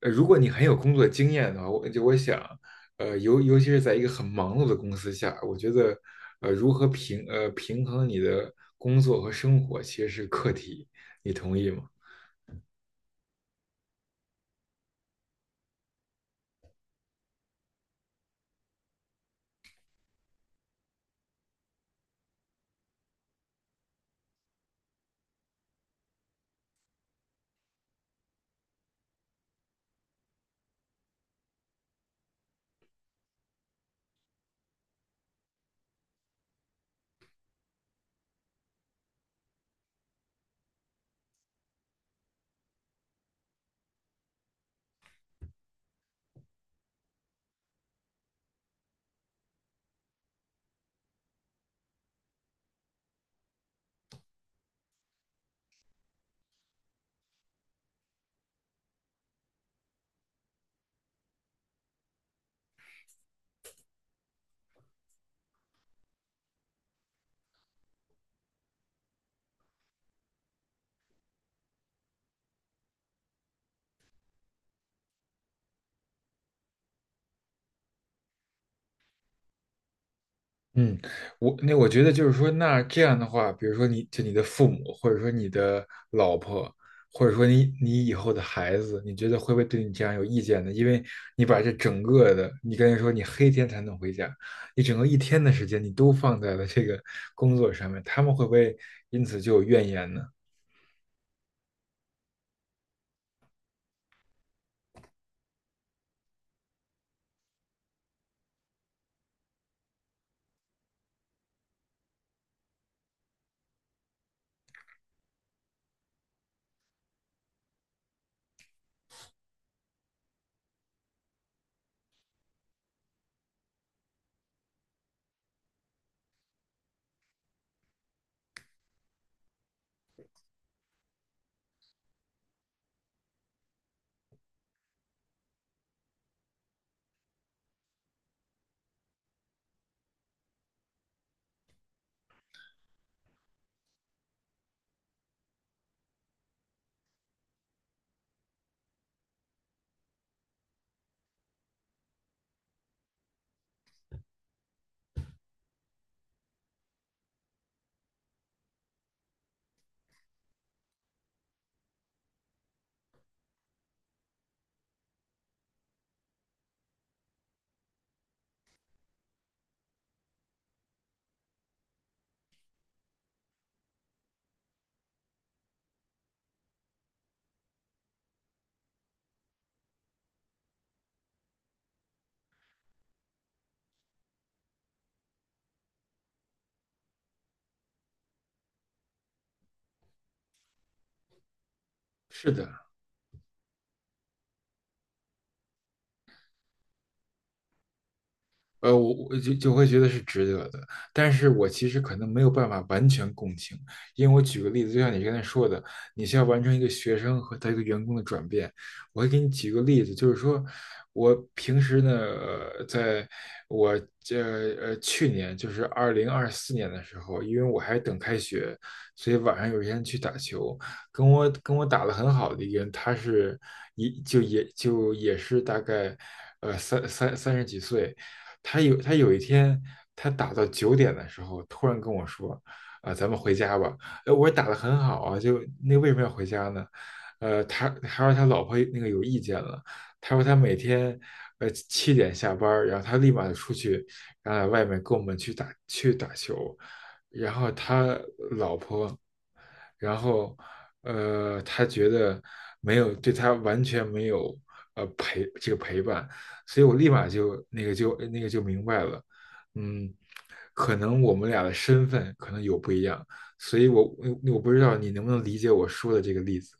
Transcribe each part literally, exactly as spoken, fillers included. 呃，如果你很有工作经验的话，我就我想，呃，尤尤其是在一个很忙碌的公司下，我觉得，呃，如何平呃平衡你的工作和生活，其实是课题，你同意吗？嗯，我那我觉得就是说，那这样的话，比如说你就你的父母，或者说你的老婆，或者说你你以后的孩子，你觉得会不会对你这样有意见呢？因为你把这整个的，你刚才说你黑天才能回家，你整个一天的时间你都放在了这个工作上面，他们会不会因此就有怨言呢？是的。呃，我我就就会觉得是值得的，但是我其实可能没有办法完全共情，因为我举个例子，就像你刚才说的，你需要完成一个学生和他一个员工的转变。我会给你举个例子，就是说我平时呢，呃在我这呃去年就是二零二四年的时候，因为我还等开学，所以晚上有一天去打球，跟我跟我打得很好的一个人，他是一就也就也是大概呃三三三十几岁。他有他有一天，他打到九点的时候，突然跟我说：“啊、咱们回家吧。”哎，我说打的很好啊，就那为什么要回家呢？呃，他他说他老婆那个有意见了，他说他每天呃七点下班儿，然后他立马就出去，然后在外面跟我们去打去打球，然后他然后，呃，他觉得没有对他完全没有呃陪这个陪伴，所以我立马就那个就那个就明白了。嗯，可能我们俩的身份可能有不一样，所以我我我不知道你能不能理解我说的这个例子。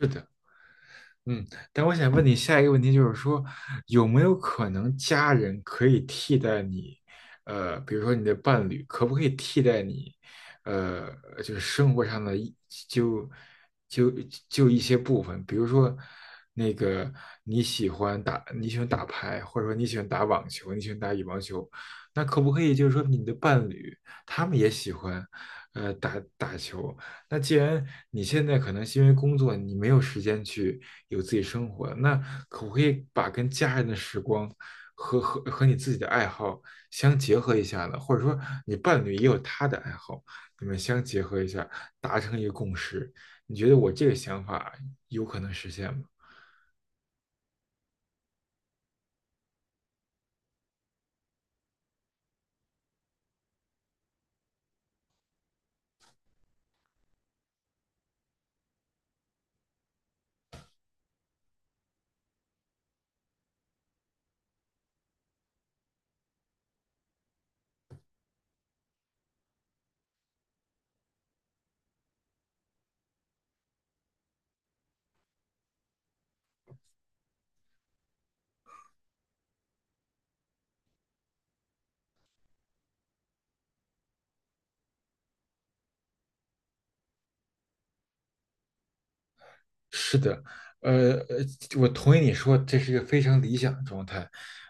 是的。嗯，但我想问你下一个问题，就是说，有没有可能家人可以替代你？呃，比如说你的伴侣，可不可以替代你？呃，就是生活上的一就就就一些部分，比如说那个你喜欢打你喜欢打牌，或者说你喜欢打网球，你喜欢打羽毛球，那可不可以就是说你的伴侣他们也喜欢呃打打球？那既然你现在可能是因为工作你没有时间去。有自己生活。那可不可以把跟家人的时光和和和你自己的爱好相结合一下呢？或者说，你伴侣也有他的爱好，你们相结合一下，达成一个共识？你觉得我这个想法有可能实现吗？是的。呃，呃我同意你说这是一个非常理想的状态。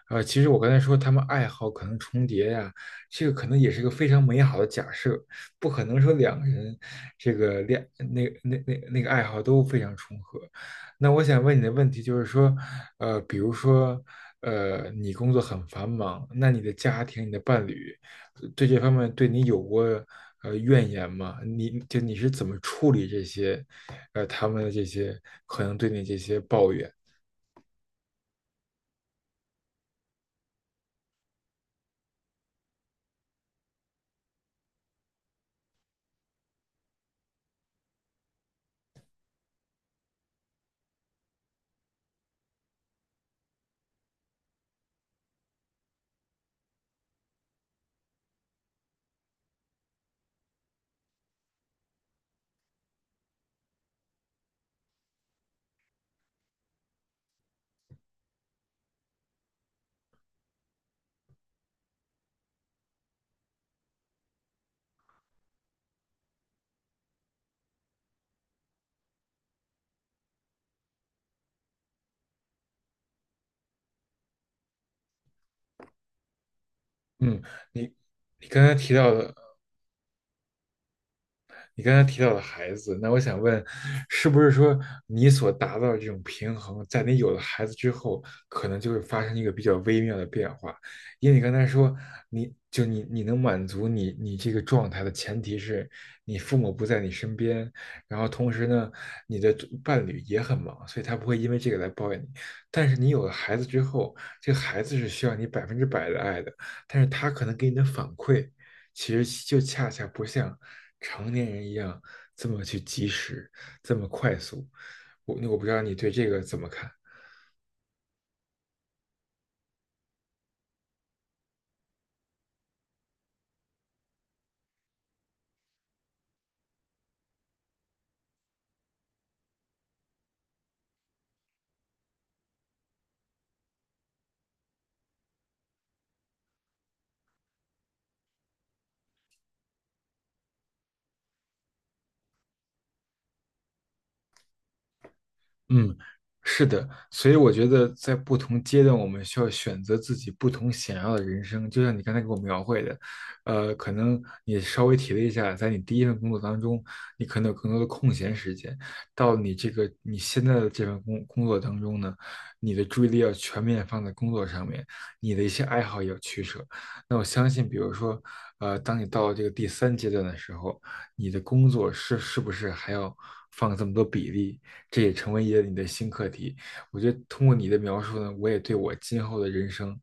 呃，其实我刚才说他们爱好可能重叠呀、这个可能也是一个非常美好的假设，不可能说两个人这个恋那那那那个爱好都非常重合。那我想问你的问题就是说，呃，比如说，呃，你工作很繁忙，那你的家庭、你的伴侣对这方面对你有过呃怨言吗？你就你是怎么处理这些，呃，他们的这些可能对你这些抱怨？嗯，你你刚才提到的，你刚才提到的孩子，那我想问，是不是说你所达到的这种平衡，在你有了孩子之后，可能就会发生一个比较微妙的变化？因为你刚才说，你就你你能满足你你这个状态的前提是你父母不在你身边，然后同时呢，你的伴侣也很忙，所以他不会因为这个来抱怨你。但是你有了孩子之后，这个孩子是需要你百分之百的爱的，但是他可能给你的反馈，其实就恰恰不像成年人一样这么去及时，这么快速。我我不知道你对这个怎么看？嗯，是的，所以我觉得在不同阶段，我们需要选择自己不同想要的人生。就像你刚才给我描绘的，呃，可能你稍微提了一下，在你第一份工作当中，你可能有更多的空闲时间；到你这个你现在的这份工工作当中呢，你的注意力要全面放在工作上面，你的一些爱好也要取舍。那我相信，比如说，呃，当你到了这个第三阶段的时候，你的工作是是不是还要放这么多比例？这也成为一个你的新课题。我觉得通过你的描述呢，我也对我今后的人生，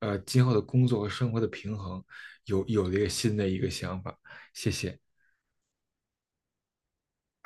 呃，今后的工作和生活的平衡有有了一个新的一个想法。谢谢。